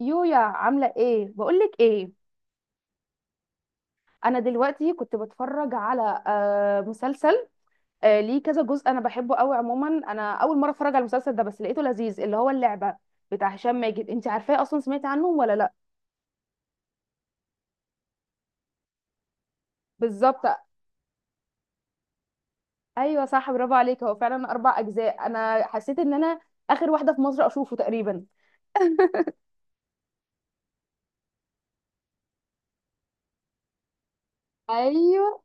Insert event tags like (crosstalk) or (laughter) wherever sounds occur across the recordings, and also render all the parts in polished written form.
يويا، عاملة ايه؟ بقولك ايه؟ انا دلوقتي كنت بتفرج على مسلسل. ليه كذا جزء، انا بحبه قوي. عموما انا اول مرة اتفرج على المسلسل ده، بس لقيته لذيذ. اللي هو اللعبة بتاع هشام ماجد، انت عارفاه اصلا؟ سمعتي عنه ولا لا؟ بالظبط. ايوه صح، برافو عليك. هو فعلا اربع اجزاء. انا حسيت ان انا اخر واحدة في مصر اشوفه تقريبا. (laughs) ايوه.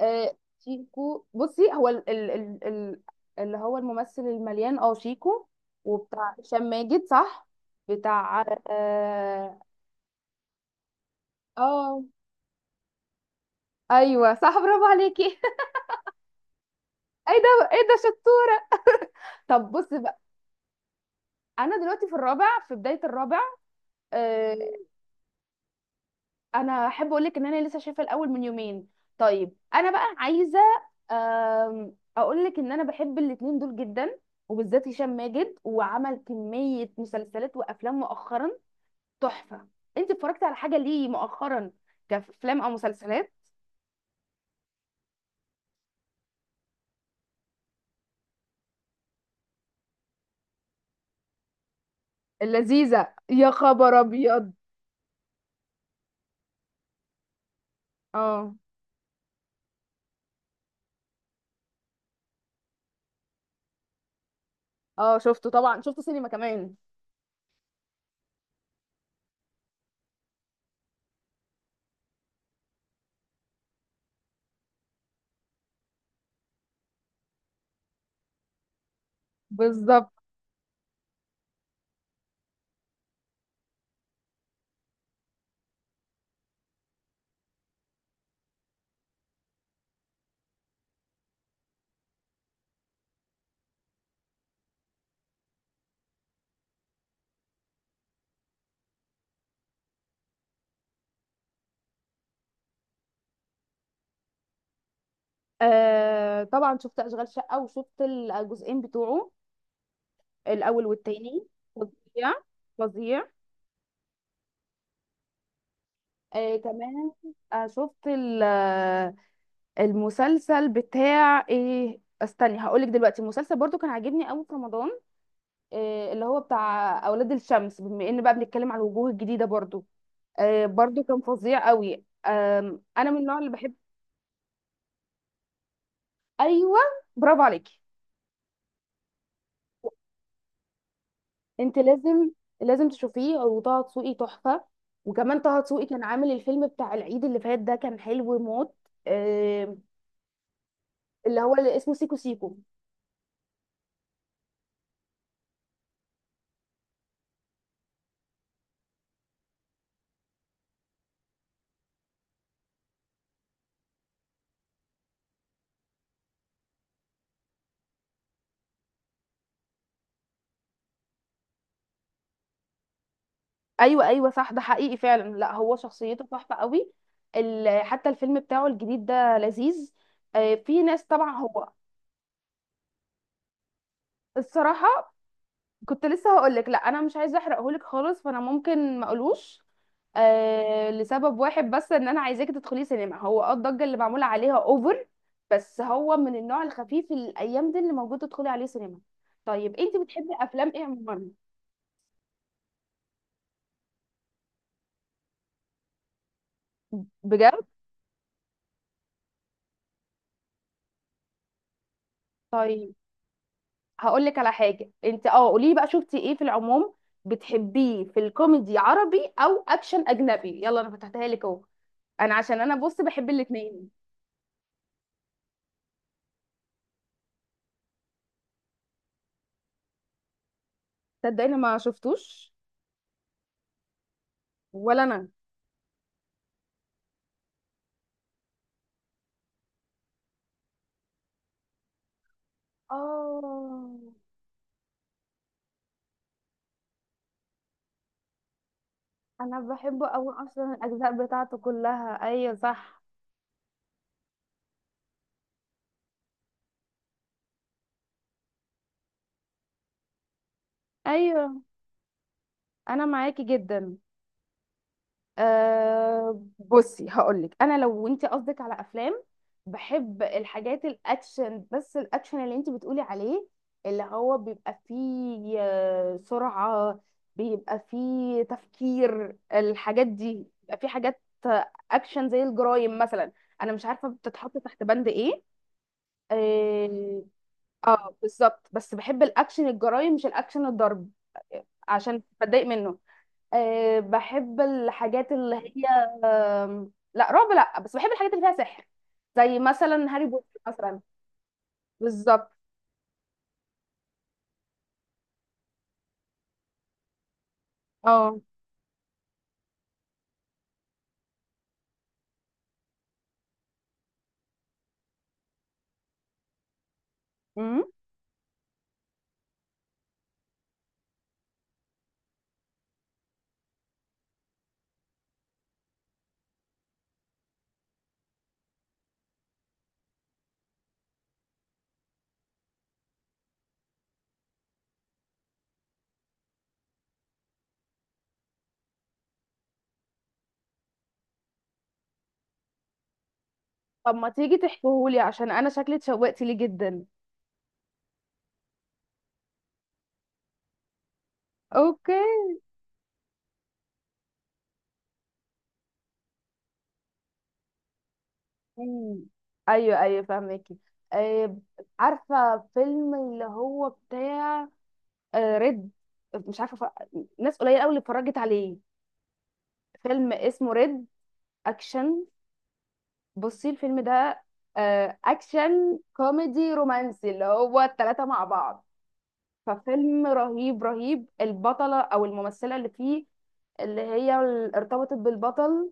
آه شيكو، بصي هو ال ال ال ال اللي هو الممثل المليان، اه شيكو. وبتاع هشام ماجد صح. بتاع اه آه، ايوه صح، برافو عليكي. (laughs) ايه ده ايه ده، شطوره. (laughs) طب بصي بقى. انا دلوقتي في الرابع، في بدايه الرابع. آه، انا احب اقول لك ان انا لسه شايفه الاول من يومين. طيب انا بقى عايزه اقول لك ان انا بحب الاتنين دول جدا. وبالذات هشام ماجد، وعمل كميه مسلسلات وافلام مؤخرا تحفه. انت اتفرجتي على حاجه ليه مؤخرا، كافلام او مسلسلات؟ اللذيذه؟ يا خبر ابيض. اه اه، شفته طبعا، شفته سينما كمان. بالظبط. آه طبعا، شفت اشغال شقه وشفت الجزئين بتوعه، الاول والتاني. فظيع فظيع. كمان. شفت المسلسل بتاع ايه، استني هقولك دلوقتي. المسلسل برضو كان عاجبني قوي في رمضان. اللي هو بتاع اولاد الشمس، بما ان بقى بنتكلم على الوجوه الجديده برضو. برضو كان فظيع قوي. انا من النوع اللي بحب. ايوه، برافو عليكي. انت لازم لازم تشوفيه. وطه دسوقي تحفه. وكمان طه دسوقي كان عامل الفيلم بتاع العيد اللي فات، ده كان حلو موت. آه، اللي هو اللي اسمه سيكو سيكو. ايوه ايوه صح، ده حقيقي فعلا. لا هو شخصيته تحفه قوي. حتى الفيلم بتاعه الجديد ده لذيذ. في ناس طبعا. هو الصراحه، كنت لسه هقول لك. لا انا مش عايزه احرقهولك خالص، فانا ممكن ما اقولوش. آه، لسبب واحد بس، ان انا عايزاكي تدخلي سينما. هو اه الضجه اللي معموله عليها اوفر. بس هو من النوع الخفيف الايام دي اللي موجود، تدخلي عليه سينما. طيب انت بتحبي افلام ايه عموما؟ بجد. طيب هقول لك على حاجه. انت اه قولي لي بقى، شفتي ايه في العموم. بتحبيه في الكوميدي عربي او اكشن اجنبي؟ يلا انا فتحتها لك اهو. انا عشان انا بص بحب الاثنين. صدقني ما شفتوش. ولا انا. اه. انا بحبه قوي اصلا، الاجزاء بتاعته كلها، ايوه صح. ايوه. انا معاكي جدا. بصي هقول لك انا. لو انت قصدك على افلام، بحب الحاجات الاكشن. بس الاكشن اللي انت بتقولي عليه، اللي هو بيبقى فيه سرعة. بيبقى فيه تفكير، الحاجات دي. بيبقى فيه حاجات اكشن زي الجرايم مثلا. انا مش عارفة بتتحط تحت بند ايه. اه. بالظبط. بس بحب الاكشن الجرايم، مش الاكشن الضرب. عشان بتضايق منه. بحب الحاجات اللي هي لا رعب لا، بس بحب الحاجات اللي فيها سحر. زي مثلا هاري بوتر مثلا. بالظبط. اه. امم طب ما تيجي تحكيهولي، عشان انا شكلي اتشوقت ليه جدا. اوكي. مم. ايوه ايوه، فاهمكي. آه، عارفه فيلم اللي هو بتاع ريد. مش عارفه ناس قليله قوي اللي اتفرجت عليه. فيلم اسمه ريد، اكشن. بصي الفيلم ده اكشن كوميدي رومانسي، اللي هو التلاتة مع بعض. ففيلم رهيب رهيب. البطله او الممثله اللي فيه، اللي هي ارتبطت بالبطل.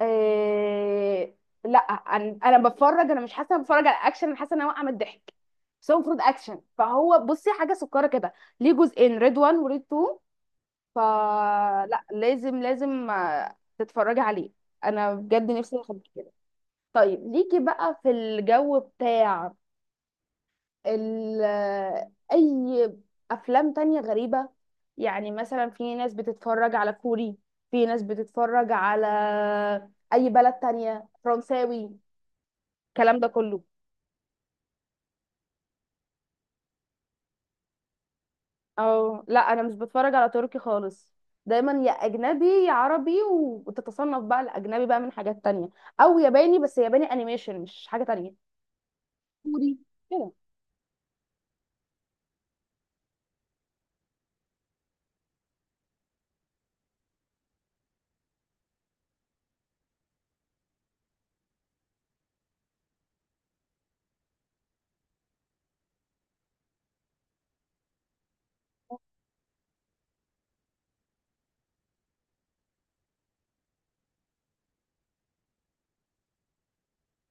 إيه... لا انا بتفرج، انا مش حاسه إني بتفرج على اكشن. انا حاسه ان انا واقعه من الضحك. بس هو المفروض اكشن، فهو بصي حاجه سكره كده. ليه جزئين، ريد 1 وريد 2. فلا لازم لازم تتفرجي عليه. انا بجد نفسي اخد كده. طيب ليكي بقى في الجو بتاع ال اي افلام تانية غريبة. يعني مثلا في ناس بتتفرج على كوري، في ناس بتتفرج على اي بلد تانية، فرنساوي، الكلام ده كله. او لا، انا مش بتفرج على تركي خالص. دايما يا اجنبي يا عربي. وتتصنف بقى الاجنبي بقى من حاجات تانية. او ياباني. بس ياباني انيميشن، مش حاجة تانية. كوري كده.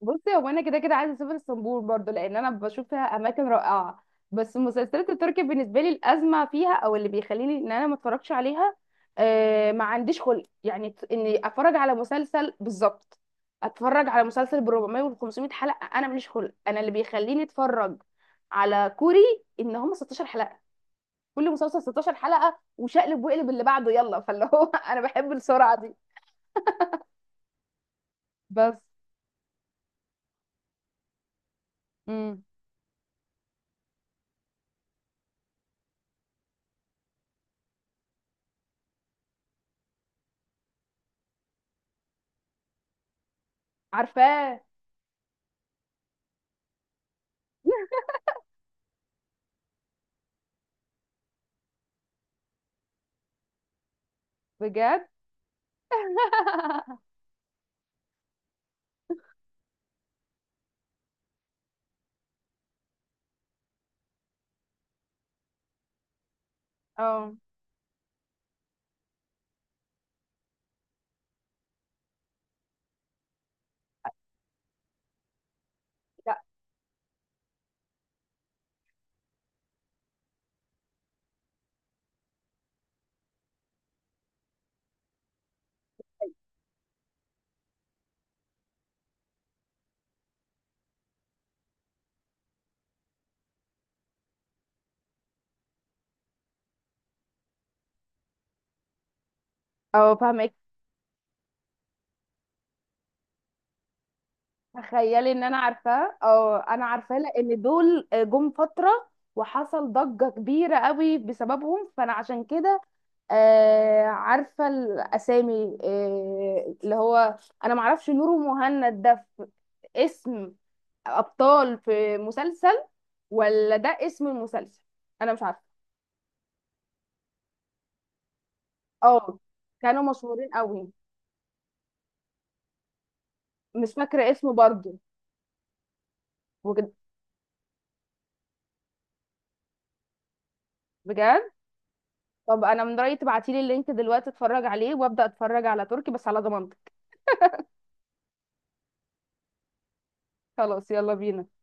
بصي هو انا كده كده عايزه اسافر اسطنبول برضو، لان انا بشوف فيها اماكن رائعه. بس المسلسلات التركي بالنسبه لي، الازمه فيها او اللي بيخليني ان انا ما اتفرجش عليها، آه ما عنديش خلق يعني اني اتفرج على مسلسل بالظبط. اتفرج على مسلسل ب 400 وال 500 حلقه، انا ماليش خلق. انا اللي بيخليني اتفرج على كوري ان هم 16 حلقه. كل مسلسل 16 حلقه، وشقلب وقلب اللي بعده يلا. فاللي هو (laughs) انا بحب السرعه دي. بس. امم عارفاه. بجد. (laughs) اه. لا. اه. فاهمك. تخيلي ان انا عارفاه. اه انا عارفاه، لان دول جم فتره، وحصل ضجه كبيره قوي بسببهم. فانا عشان كده آه عارفه الاسامي. اللي هو انا معرفش نور ومهند، ده في اسم ابطال في مسلسل ولا ده اسم المسلسل؟ انا مش عارفه. اه. كانوا مشهورين قوي. مش فاكره اسمه برضه. بجد. بجد. طب انا من رايي تبعتي لي اللينك دلوقتي، اتفرج عليه وابدا اتفرج على تركي بس على ضمانتك. خلاص يلا بينا.